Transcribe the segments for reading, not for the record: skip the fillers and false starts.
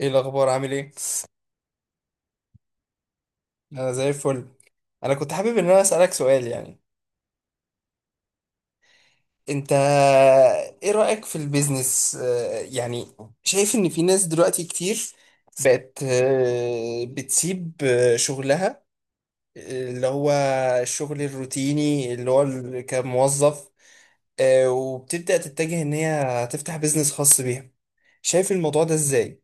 ايه الاخبار؟ عامل ايه؟ انا زي الفل. انا كنت حابب ان انا اسالك سؤال، يعني. انت، ايه رايك في البيزنس، يعني؟ شايف ان في ناس دلوقتي كتير بقت بتسيب شغلها، اللي هو الشغل الروتيني، اللي هو كموظف، وبتبدا تتجه ان هي تفتح بيزنس خاص بيها. شايف الموضوع ده ازاي؟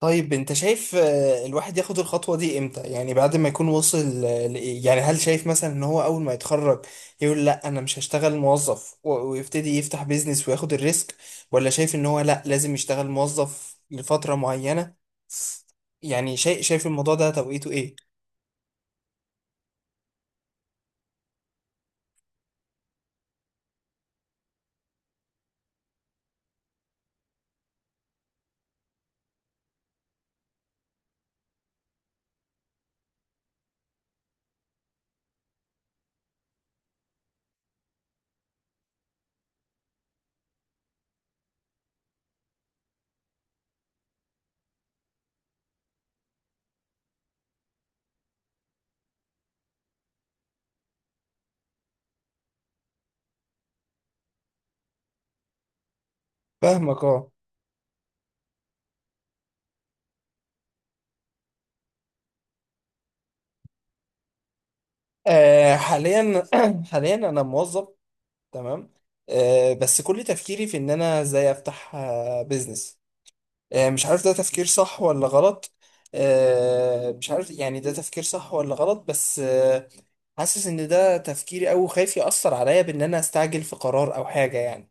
طيب انت شايف، الواحد ياخد الخطوة دي امتى؟ يعني بعد ما يكون وصل، يعني هل شايف مثلا ان هو اول ما يتخرج يقول لا، انا مش هشتغل موظف، ويبتدي يفتح بيزنس وياخد الريسك؟ ولا شايف ان هو لا، لازم يشتغل موظف لفترة معينة؟ يعني شايف الموضوع ده توقيته ايه؟ فاهمك، اه. حاليا حاليا انا موظف، تمام. بس كل تفكيري في ان انا ازاي افتح بيزنس. مش عارف ده تفكير صح ولا غلط. مش عارف يعني ده تفكير صح ولا غلط، بس حاسس ان ده تفكيري، او خايف يأثر عليا بان انا استعجل في قرار او حاجة، يعني.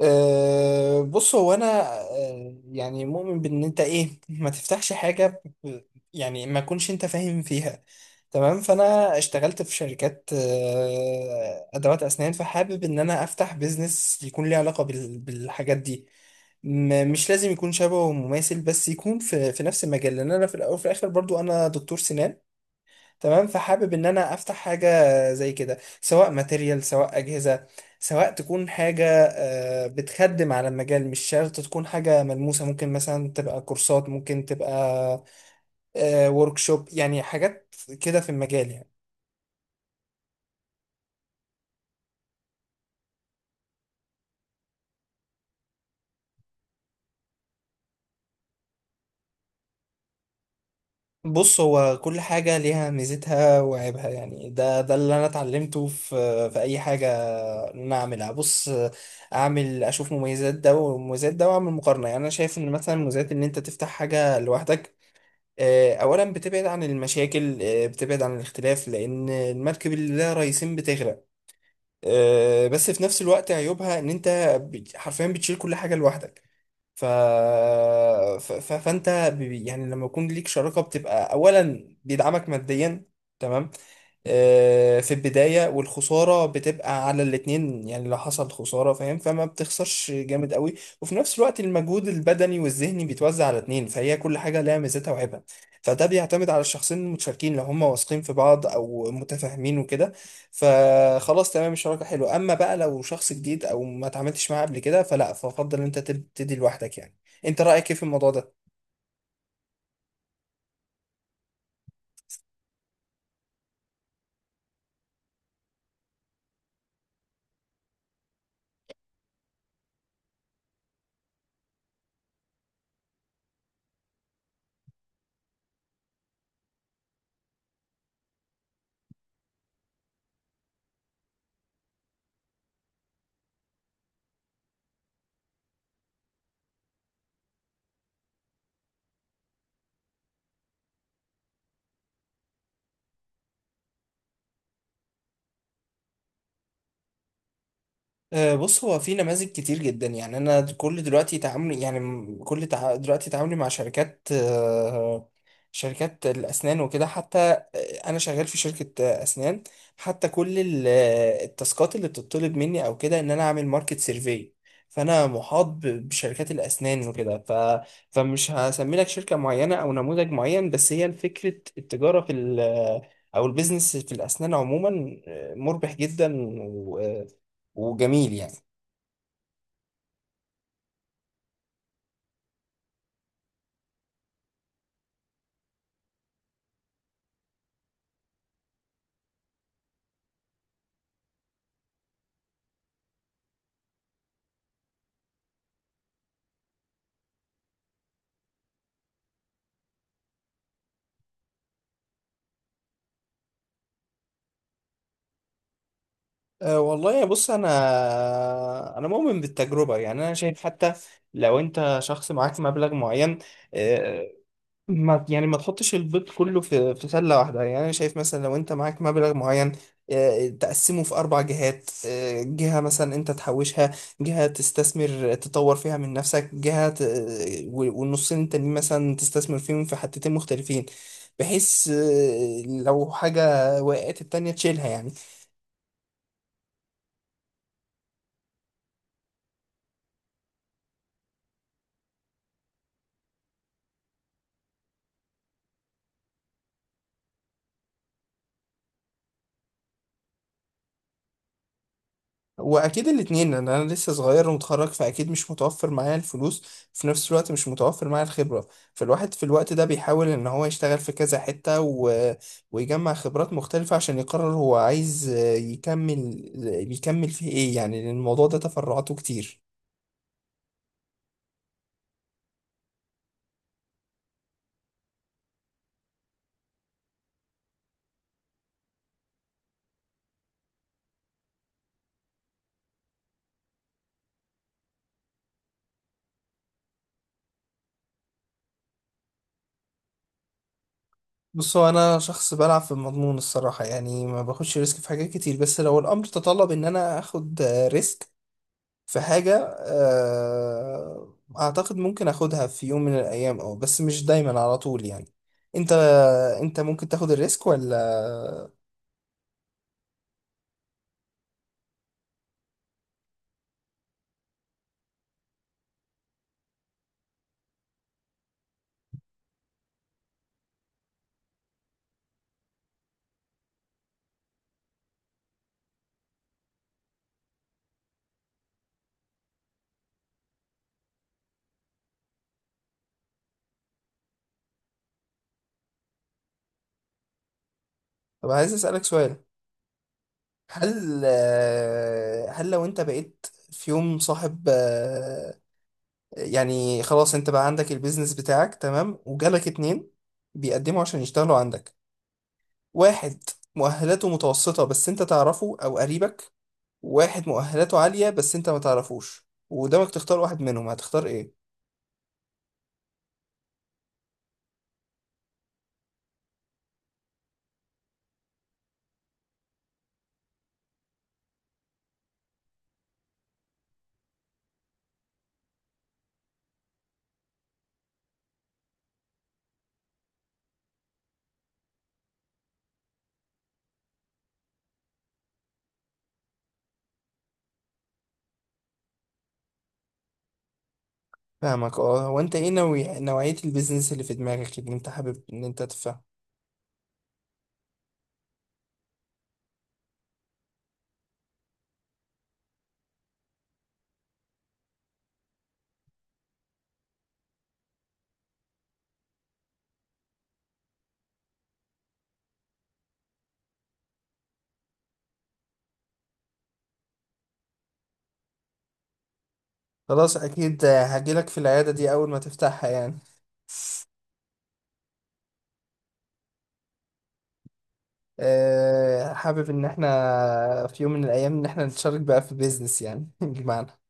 أه، بص، هو انا، أه، يعني مؤمن بان انت، ايه، ما تفتحش حاجة يعني ما كنش انت فاهم فيها. تمام. فانا اشتغلت في شركات، أه، ادوات اسنان، فحابب ان انا افتح بيزنس يكون ليه علاقة بالحاجات دي. مش لازم يكون شبهه مماثل، بس يكون في نفس المجال، لان انا في الاول وفي الاخر برضو انا دكتور سنان. تمام. فحابب ان انا افتح حاجه زي كده، سواء ماتيريال، سواء اجهزه، سواء تكون حاجه بتخدم على المجال. مش شرط تكون حاجه ملموسه، ممكن مثلا تبقى كورسات، ممكن تبقى ورك شوب، يعني حاجات كده في المجال، يعني. بص، هو كل حاجة ليها ميزتها وعيبها. يعني ده اللي أنا اتعلمته في أي حاجة إن أنا أعملها. بص، أعمل أشوف مميزات ده ومميزات ده، وأعمل مقارنة. يعني أنا شايف إن مثلا مميزات إن أنت تفتح حاجة لوحدك، أولا بتبعد عن المشاكل، بتبعد عن الاختلاف، لأن المركب اللي لها رئيسين بتغرق. بس في نفس الوقت عيوبها إن أنت حرفيا بتشيل كل حاجة لوحدك. ف... فانت، يعني لما يكون ليك شراكه، بتبقى اولا بيدعمك ماديا، تمام. في البدايه، والخساره بتبقى على الاتنين، يعني لو حصل خساره، فاهم؟ فما بتخسرش جامد قوي. وفي نفس الوقت المجهود البدني والذهني بيتوزع على اتنين. فهي كل حاجه لها ميزتها وعيبها. فده بيعتمد على الشخصين المتشاركين، لو هم واثقين في بعض او متفاهمين وكده، فخلاص تمام الشراكه حلوه. اما بقى لو شخص جديد او ما اتعاملتش معاه قبل كده، فلا، فافضل ان انت تبتدي لوحدك، يعني. انت رايك ايه في الموضوع ده؟ بص، هو في نماذج كتير جدا. يعني انا كل دلوقتي تعاملي، يعني دلوقتي تعاملي مع شركات، شركات الاسنان وكده. حتى انا شغال في شركة اسنان. حتى كل التاسكات اللي بتطلب مني او كده ان انا اعمل ماركت سيرفي، فانا محاط بشركات الاسنان وكده. فمش هسمي لك شركة معينة او نموذج معين، بس هي فكرة التجارة في ال... آه، او البيزنس في الاسنان عموما مربح جدا وجميل، يعني. أه، والله، بص، انا مؤمن بالتجربه. يعني انا شايف، حتى لو انت شخص معاك مبلغ معين، أه، ما يعني ما تحطش البيض كله في سله واحده. يعني انا شايف مثلا لو انت معاك مبلغ معين، أه، تقسمه في اربع جهات. أه، جهه مثلا انت تحوشها، جهه تستثمر تطور فيها من نفسك، جهه والنصين التانيين مثلا تستثمر فيهم في حتتين مختلفين، بحيث أه لو حاجه وقعت، التانيه تشيلها، يعني. واكيد الاتنين، لان انا لسه صغير ومتخرج، فاكيد مش متوفر معايا الفلوس، في نفس الوقت مش متوفر معايا الخبره. فالواحد في الوقت ده بيحاول ان هو يشتغل في كذا حته ويجمع خبرات مختلفه، عشان يقرر هو عايز، يكمل في ايه، يعني. لان الموضوع ده تفرعاته كتير. بص، هو انا شخص بلعب في المضمون، الصراحه. يعني ما باخدش ريسك في حاجات كتير، بس لو الامر تطلب ان انا اخد ريسك في حاجة، أعتقد ممكن أخدها في يوم من الأيام. أه، بس مش دايما على طول، يعني. أنت أنت ممكن تاخد الريسك ولا؟ طب عايز أسألك سؤال. هل هل لو أنت بقيت في يوم صاحب، يعني خلاص أنت بقى عندك البيزنس بتاعك، تمام، وجالك اتنين بيقدموا عشان يشتغلوا عندك: واحد مؤهلاته متوسطة بس أنت تعرفه أو قريبك، واحد مؤهلاته عالية بس انت ما تعرفوش، وقدامك تختار واحد منهم، هتختار ايه؟ فاهمك، اه. هو انت ايه نوعية البيزنس اللي في دماغك، اللي انت حابب ان انت تفهم؟ خلاص، اكيد هجيلك في العيادة دي اول ما تفتحها، يعني. أه، حابب ان احنا في يوم من الايام ان احنا نتشارك بقى في بيزنس، يعني بمعنى